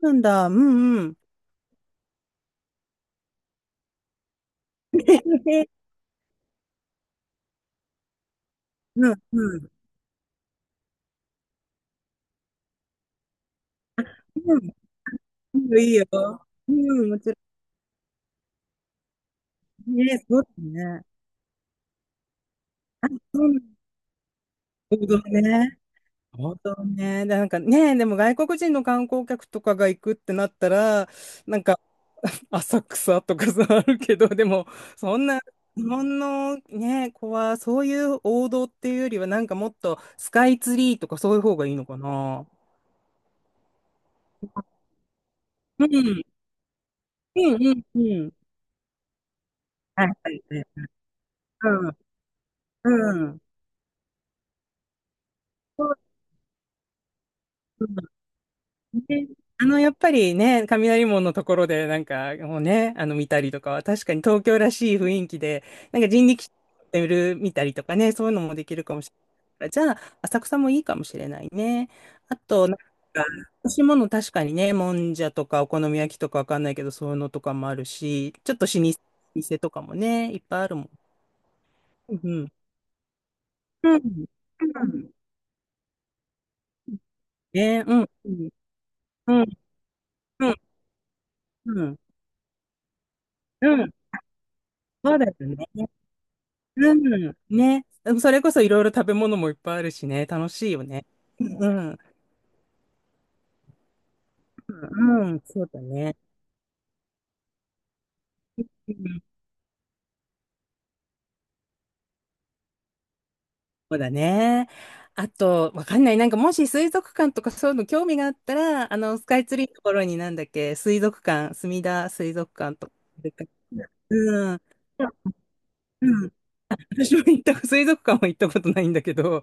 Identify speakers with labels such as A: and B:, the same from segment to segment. A: なんだ。うんうん。うんうん。うん。いいよ、いいよ。うん、もちろん。ね、そうだね。あ、そうなんだ王道ね。王道ね。でね、でも外国人の観光客とかが行くってなったら、なんか、浅草とかさ、あるけど、でも、そんな、日本のね、子は、そういう王道っていうよりは、なんかもっと、スカイツリーとかそういう方がいいのかな。うん。うんうんうん。はいはいはい。うん。うん。そうですね。やっぱりね、雷門のところで、もうね、見たりとかは、確かに東京らしい雰囲気で、なんか人力車で見たりとかね、そういうのもできるかもしれない。じゃあ、浅草もいいかもしれないね。あと、なんか、欲しいもの確かにね、もんじゃとか、お好み焼きとかわかんないけど、そういうのとかもあるし、ちょっと老舗店とかもね、いっぱいあるもん。うん。うん。うんねうんね。うん。うん。うん。うん。うんそうだよね。うん、ね。でもそれこそいろいろ食べ物もいっぱいあるしね、楽しいよね。うん、うん、うんそうだね。うん、そうだね。あと、わかんない。なんかもし水族館とかそういうの興味があったら、スカイツリーのところになんだっけ、水族館、墨田水族館とか。うん。うん。私も行った、水族館は行ったことないんだけど、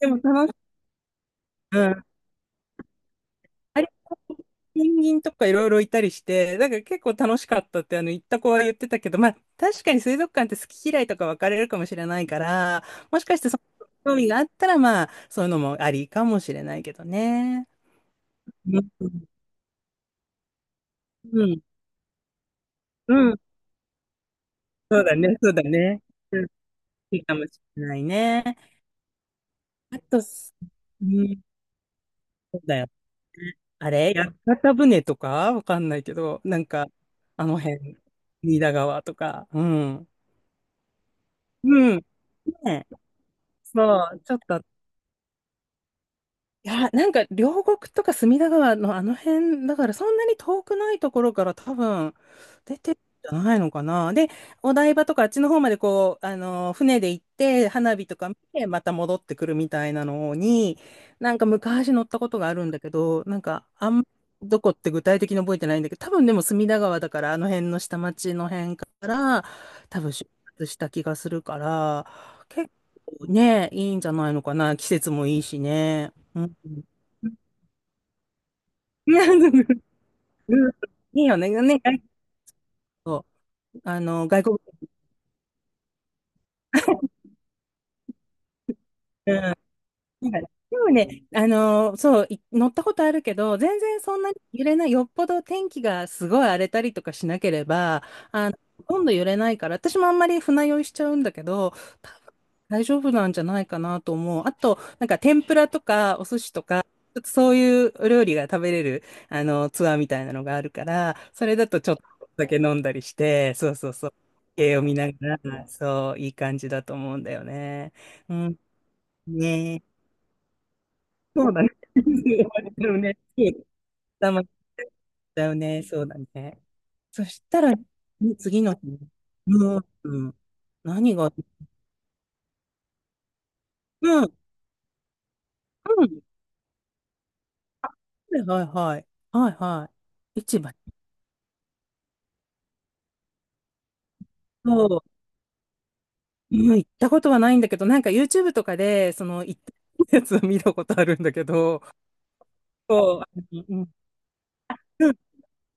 A: でも楽しい。あれ、ペンギンとかいろいろいたりして、なんか結構楽しかったってあの行った子は言ってたけど、まあ確かに水族館って好き嫌いとか分かれるかもしれないから、もしかしてその興味があったらまあそういうのもありかもしれないけどね。うん、うん、うん、そうだね、そうだね。うん、いいかもしれないね。あと、すうん、そうだよ。あれ、屋形船とかわかんないけど、なんか、あの辺、隅田川とか、うん。うん。ねそう、ちょっといや、なんか両国とか隅田川のあの辺だからそんなに遠くないところから多分出てるんじゃないのかな。で、お台場とかあっちの方までこう、船で行って花火とか見てまた戻ってくるみたいなのに、なんか昔乗ったことがあるんだけど、なんかあんまどこって具体的に覚えてないんだけど、多分でも隅田川だからあの辺の下町の辺から多分出発した気がするから、結構ね、いいんじゃないのかな。季節もいいしね。うん。いや、うんいいよね。ね、そうあの、外国、なんかでもね、そう、い乗ったことあるけど、全然そんなに揺れない、よっぽど天気がすごい荒れたりとかしなければ、ほとんど揺れないから、私もあんまり船酔いしちゃうんだけど、多分大丈夫なんじゃないかなと思う。あと、なんか天ぷらとかお寿司とか、ちょっとそういうお料理が食べれる、ツアーみたいなのがあるから、それだとちょっとだけ飲んだりして、そうそうそう、絵を見ながら、そう、いい感じだと思うんだよね。うん、ねそうだね。だよね。そたまにだよね。そうだね。そしたら、ね次の日ねうん、うん。何が、うん、うん。あはいはいはい。はいはい。市場。そう。うん行ったことはないんだけど、なんか YouTube とかで、その行ったやつを見たことあるんだけど、そう、あのうん、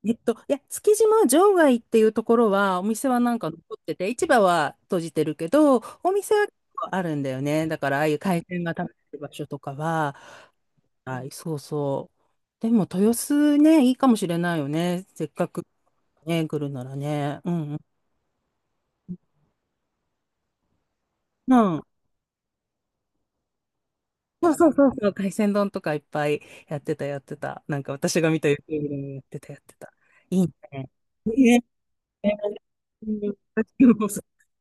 A: えっと、いや、築島場外っていうところは、お店はなんか残ってて、市場は閉じてるけど、お店は結構あるんだよね。だから、ああいう海鮮が食べれる場所とかは、はい、そうそう。でも、豊洲ね、いいかもしれないよね。せっかくね、来るならね。うん、うん。うん。そうそうそうそう、海鮮丼とかいっぱいやってた、やってた。なんか私が見た YouTube でもやってた、やってた。いいね。ねうん私も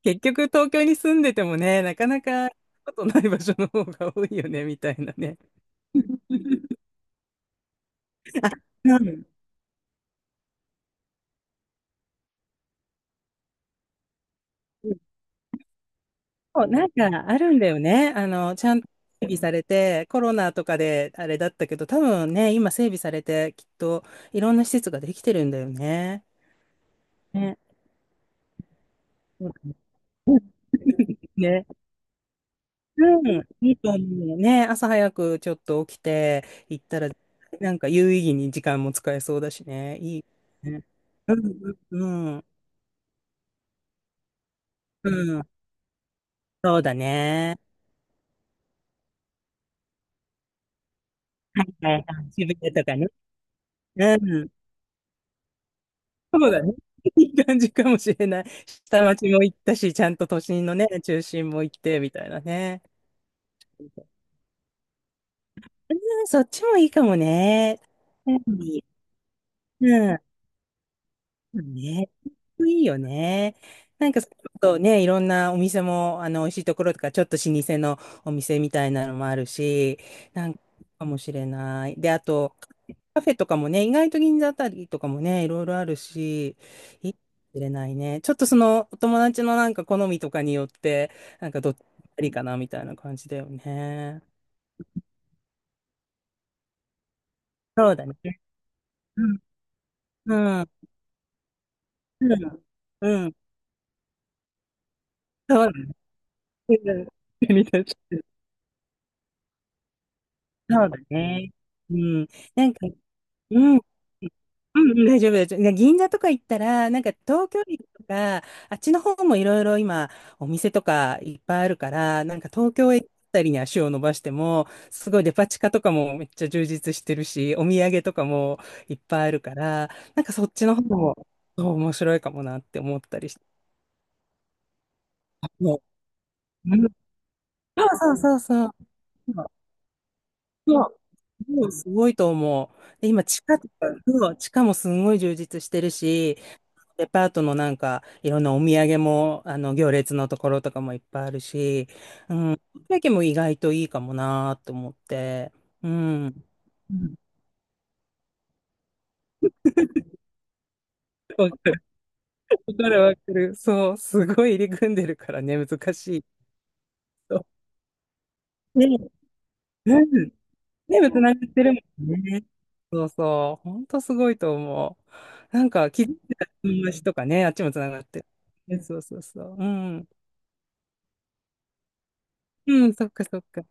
A: 結局東京に住んでてもね、なかなか行くことない場所の方が多いよね、みたいなね。あ、うん。そうなんかあるんだよね。ちゃんと整備されて、コロナとかであれだったけど、多分ね、今整備されて、きっといろんな施設ができてるんだよね。ね。そうだねうん、いいと思うね。朝早くちょっと起きて行ったら、なんか有意義に時間も使えそうだしね。いいね。うん、うん、うん。うんそうだね。はいはいはい。渋谷とかね。うん。そうだね。いい感じかもしれない。下町も行ったし、ちゃんと都心のね、中心も行って、みたいなね。うん、そっちもいいかもね。うん。うんね、いいよね。なんか、そうね、いろんなお店も、美味しいところとか、ちょっと老舗のお店みたいなのもあるし、なんか、かもしれない。で、あと、カフェとかもね、意外と銀座あたりとかもね、いろいろあるし、いいかもしれないね。ちょっとその、お友達のなんか好みとかによって、なんかどっちがいいかな、みたいな感じだよね。そうだね。うん。うん。うん。うん。そうだね。うん そうだね。うん。なんか、うん。うんうん、大丈夫です。い銀座とか行ったら、なんか東京駅とか、あっちの方もいろいろ今、お店とかいっぱいあるから、なんか東京駅あたりに足を伸ばしても、すごいデパ地下とかもめっちゃ充実してるし、お土産とかもいっぱいあるから、なんかそっちの方も、そう面白いかもなって思ったりして。もううんそうそうそうそう。そう、うんすごいと思う。で、今、地下とか、そう地下もすごい充実してるし、デパートのなんか、いろんなお土産も、行列のところとかもいっぱいあるし、うん、だけも意外といいかもなーと思って、うん。うんわかる、わかる、わかる。そう、すごい入り組んでるからね、難しい。そうね、うん。ね、つながってるもんね。そうそう。ほんとすごいと思う。なんか、気づいたら友達とかね、あっちもつながってる。ねそうそうそう。うん。うん、そっかそっか。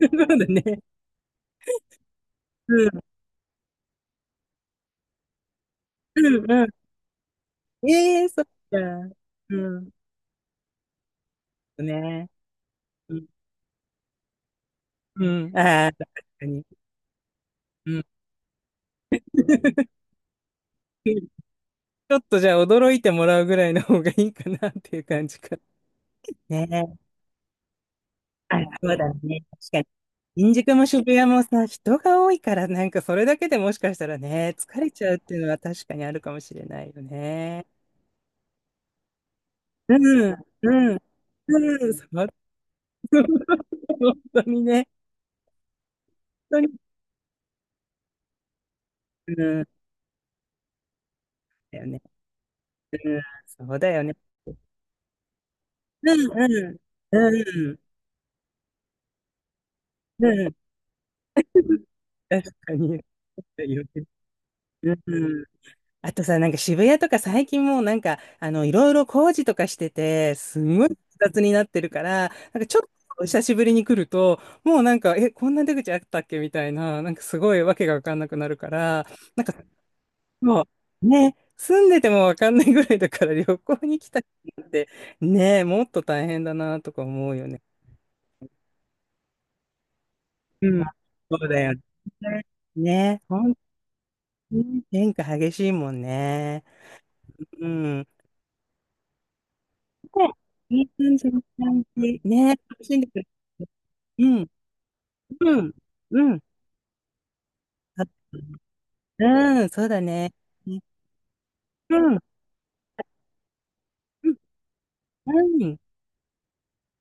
A: そうだね。うん、うん、うん。ええそっか。うん。ね。うん。うん。ああ、確かに。うん。ちょっとじゃあ驚いてもらうぐらいの方がいいかなっていう感じか。ねあ、そうだね。確かに。新宿も渋谷もさ、人が多いから、なんかそれだけでもしかしたらね、疲れちゃうっていうのは確かにあるかもしれないよね。うん、うん、うん、そう、本当にね。本当に、うん、だよね。うん、そうだよね。うん、うん、うん、うん、確かに。うん、あとさ、なんか渋谷とか最近もうなんか、いろいろ工事とかしてて、すんごい複雑になってるから、なんかちょっと久しぶりに来ると、もうなんか、え、こんな出口あったっけみたいな、なんかすごいわけがわかんなくなるから、なんか、もう、ね、住んでてもわかんないぐらいだから旅行に来た人って、ね、もっと大変だなとか思うよね。うん。そうだよね。ね、本当に変化激しいもんね。うん。ねいい感じ、感じ。ね、楽しんでくれる。うん、うん、うん。あうん、そうだね。うん、うん、うん。